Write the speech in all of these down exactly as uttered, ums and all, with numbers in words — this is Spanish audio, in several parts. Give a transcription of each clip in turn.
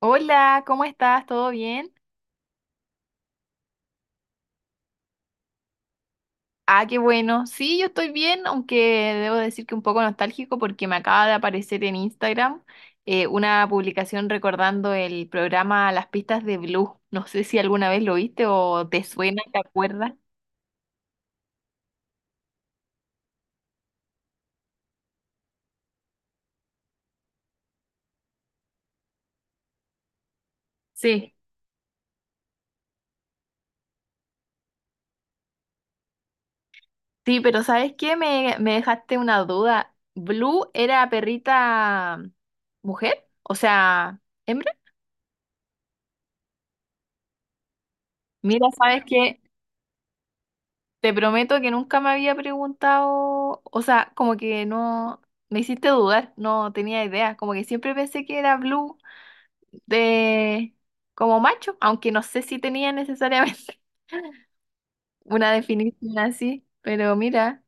Hola, ¿cómo estás? ¿Todo bien? Ah, qué bueno. Sí, yo estoy bien, aunque debo decir que un poco nostálgico porque me acaba de aparecer en Instagram eh, una publicación recordando el programa Las pistas de Blue. No sé si alguna vez lo viste o te suena, ¿te acuerdas? Sí. Sí, pero ¿sabes qué? Me, me dejaste una duda. ¿Blue era perrita mujer? O sea, hembra. Mira, ¿sabes qué? Te prometo que nunca me había preguntado, o sea, como que no, me hiciste dudar, no tenía idea, como que siempre pensé que era Blue de como macho, aunque no sé si tenía necesariamente una definición así, pero mira,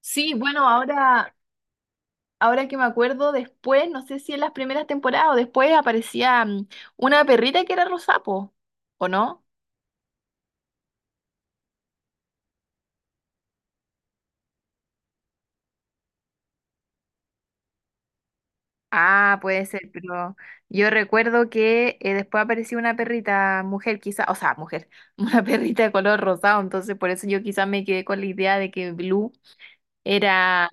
sí, bueno, ahora, ahora que me acuerdo después, no sé si en las primeras temporadas o después aparecía mm, una perrita que era Rosapo, ¿o no? Ah, puede ser, pero yo recuerdo que eh, después apareció una perrita mujer, quizá, o sea, mujer, una perrita de color rosado, entonces por eso yo quizás me quedé con la idea de que Blue era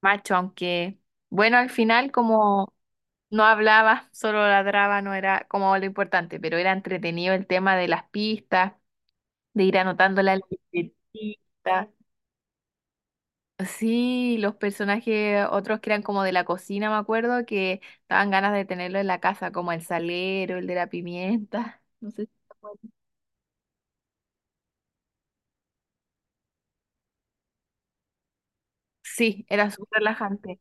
macho, aunque, bueno, al final como no hablaba, solo ladraba, no era como lo importante, pero era entretenido el tema de las pistas, de ir anotándola en la libretita. Sí, los personajes, otros que eran como de la cocina, me acuerdo, que daban ganas de tenerlo en la casa, como el salero, el de la pimienta. No sé si te acuerdas. Sí, era súper relajante.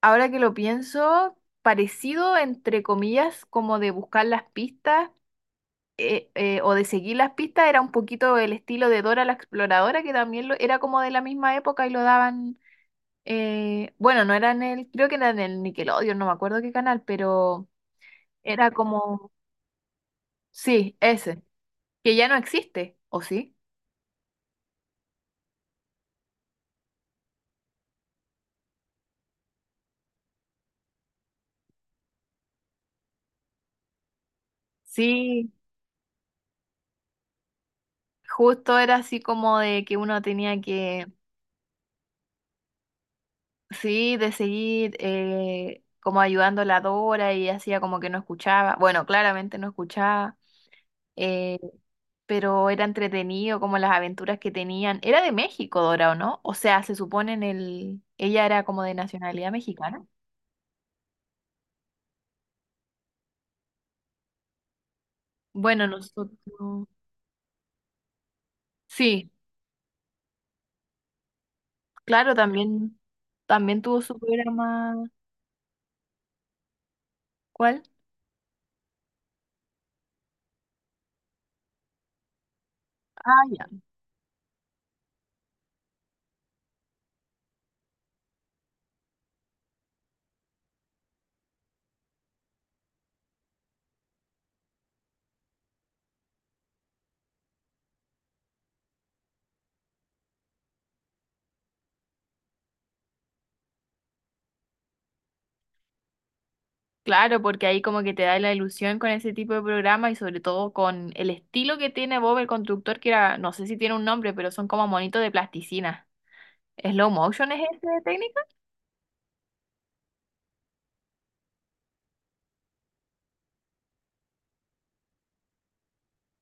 Ahora que lo pienso, parecido, entre comillas, como de buscar las pistas eh, eh, o de seguir las pistas, era un poquito el estilo de Dora la Exploradora, que también lo, era como de la misma época y lo daban, eh, bueno, no era en el, creo que era en el Nickelodeon, no me acuerdo qué canal, pero era como... Sí, ese, que ya no existe, ¿o sí? Sí, justo era así como de que uno tenía que, sí, de seguir eh, como ayudando a la Dora y hacía como que no escuchaba, bueno, claramente no escuchaba, eh, pero era entretenido como las aventuras que tenían. Era de México, Dora, ¿o no? O sea, se supone en el, ella era como de nacionalidad mexicana. Bueno, nosotros, sí, claro, también, también tuvo su programa, ¿cuál? Ah, ya. Claro, porque ahí como que te da la ilusión con ese tipo de programa y sobre todo con el estilo que tiene Bob el constructor, que era, no sé si tiene un nombre, pero son como monitos de plasticina. ¿Slow motion es esa técnica?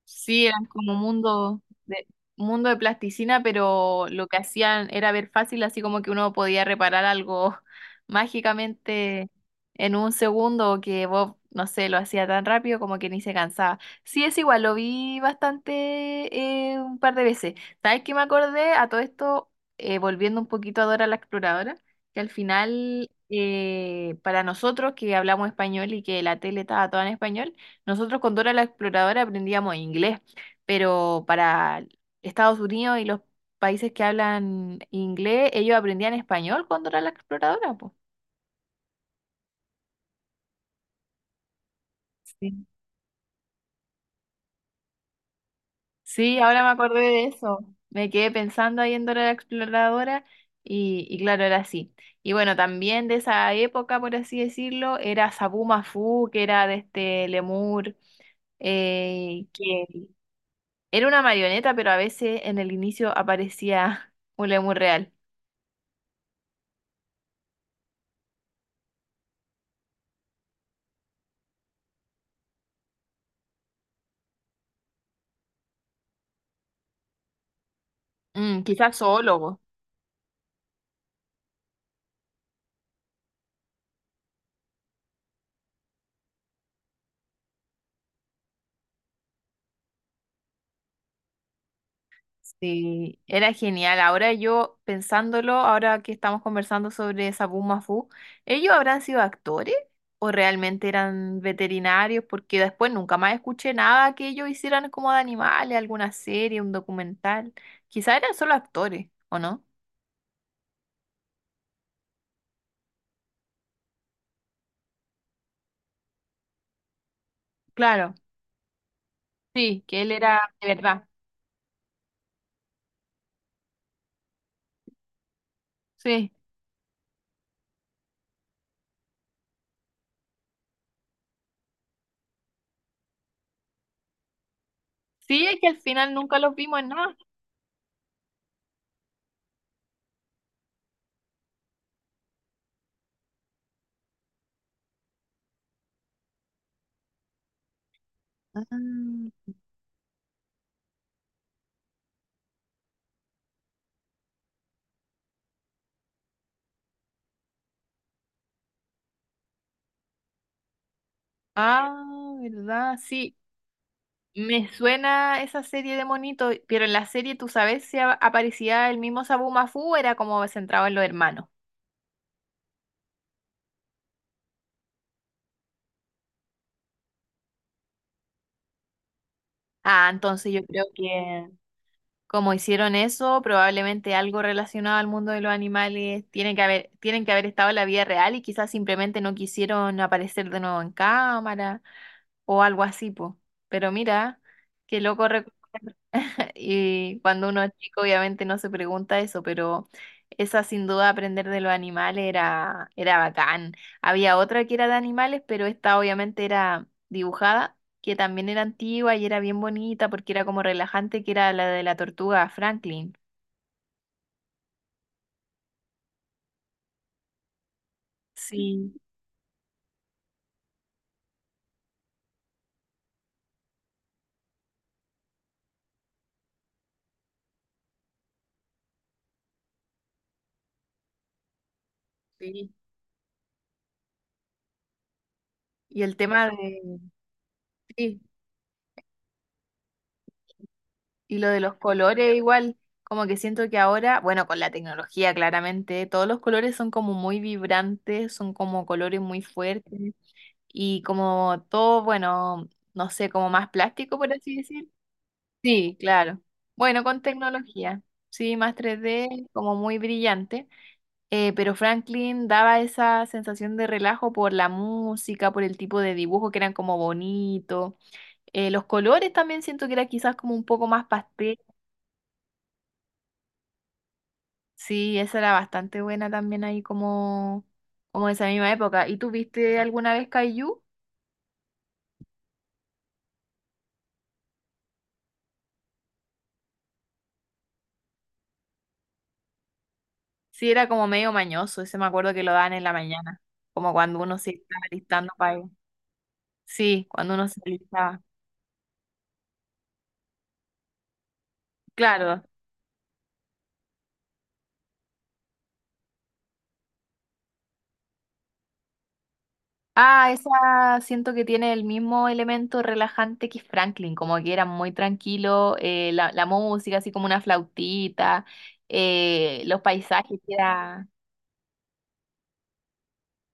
Sí, eran como mundo de, mundo de plasticina, pero lo que hacían era ver fácil, así como que uno podía reparar algo mágicamente en un segundo, o que Bob, no sé, lo hacía tan rápido como que ni se cansaba. Sí, es igual, lo vi bastante eh, un par de veces. ¿Sabes qué me acordé? A todo esto, eh, volviendo un poquito a Dora la Exploradora, que al final, eh, para nosotros que hablamos español y que la tele estaba toda en español, nosotros con Dora la Exploradora aprendíamos inglés, pero para Estados Unidos y los países que hablan inglés, ellos aprendían español con Dora la Exploradora, pues. Sí. Sí, ahora me acordé de eso. Me quedé pensando ahí en Dora la Exploradora y, y claro, era así. Y bueno, también de esa época, por así decirlo, era Sabu Mafu, que era de este Lemur, eh, que era una marioneta, pero a veces en el inicio aparecía un Lemur real. Mm, quizás zoólogo. Sí, era genial. Ahora yo pensándolo, ahora que estamos conversando sobre Sabu Mafu, ¿ellos habrán sido actores o realmente eran veterinarios? Porque después nunca más escuché nada que ellos hicieran como de animales, alguna serie, un documental. Quizás eran solo actores, ¿o no? Claro, sí, que él era de verdad. Sí, sí, es que al final nunca los vimos en nada. Ah, ah, ¿verdad? Sí. Me suena esa serie de monitos, pero en la serie, ¿tú sabes si a- aparecía el mismo Sabu Mafu? Era como centrado en los hermanos. Ah, entonces yo creo que como hicieron eso, probablemente algo relacionado al mundo de los animales tiene que haber, tienen que haber estado en la vida real y quizás simplemente no quisieron aparecer de nuevo en cámara o algo así, po. Pero mira, qué loco. Y cuando uno es chico, obviamente no se pregunta eso, pero esa sin duda aprender de los animales era, era bacán. Había otra que era de animales, pero esta obviamente era dibujada, que también era antigua y era bien bonita porque era como relajante, que era la de la tortuga Franklin. Sí, sí, y el tema de, sí, y lo de los colores igual, como que siento que ahora, bueno, con la tecnología claramente, todos los colores son como muy vibrantes, son como colores muy fuertes, y como todo, bueno, no sé, como más plástico, por así decir. Sí, claro. Bueno, con tecnología, sí, más tres d como muy brillante. Eh, pero Franklin daba esa sensación de relajo por la música, por el tipo de dibujo que eran como bonito. Eh, los colores también siento que era quizás como un poco más pastel, sí, esa era bastante buena también ahí como, como de esa misma época. ¿Y tú viste alguna vez Kaiju? Sí, era como medio mañoso, ese me acuerdo que lo daban en la mañana, como cuando uno se estaba listando para ir. Sí, cuando uno se listaba. Claro. Ah, esa siento que tiene el mismo elemento relajante que Franklin, como que era muy tranquilo, eh, la, la música, así como una flautita, eh, los paisajes, que era...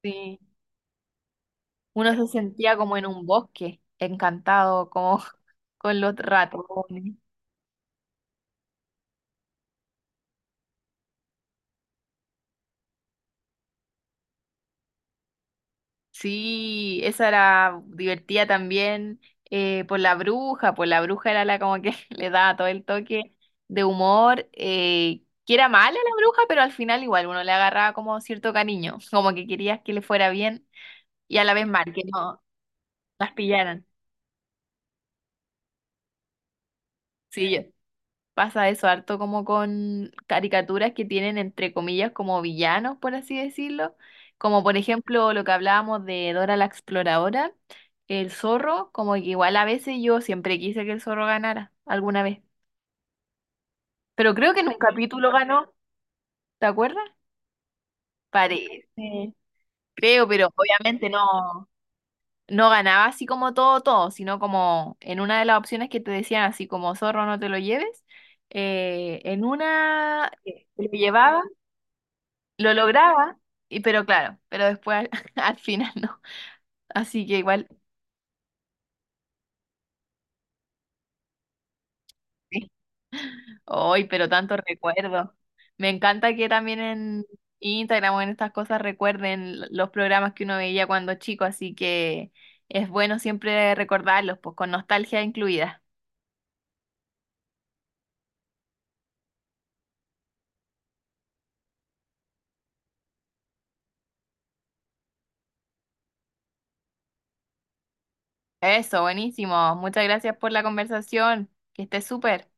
Sí, uno se sentía como en un bosque, encantado, como con los ratones. Sí, esa era divertida también eh, por la bruja, por la bruja era la como que le daba todo el toque de humor, eh, que era mala la bruja, pero al final igual uno le agarraba como cierto cariño, como que querías que le fuera bien y a la vez mal, que no las pillaran. Sí, yo, pasa eso harto como con caricaturas que tienen entre comillas como villanos, por así decirlo, como por ejemplo lo que hablábamos de Dora la Exploradora, el zorro, como que igual a veces yo siempre quise que el zorro ganara alguna vez, pero creo que en un capítulo ganó, ¿te acuerdas? Parece, creo, pero obviamente no, no ganaba así como todo, todo, sino como en una de las opciones que te decían así como zorro no te lo lleves, eh, en una eh, se lo llevaba. Lo lograba, y, pero claro, pero después al, al final no. Así que igual, sí, hoy, pero tanto recuerdo. Me encanta que también en Instagram o en estas cosas recuerden l- los programas que uno veía cuando chico, así que es bueno siempre recordarlos, pues con nostalgia incluida. Eso, buenísimo. Muchas gracias por la conversación. Que estés súper.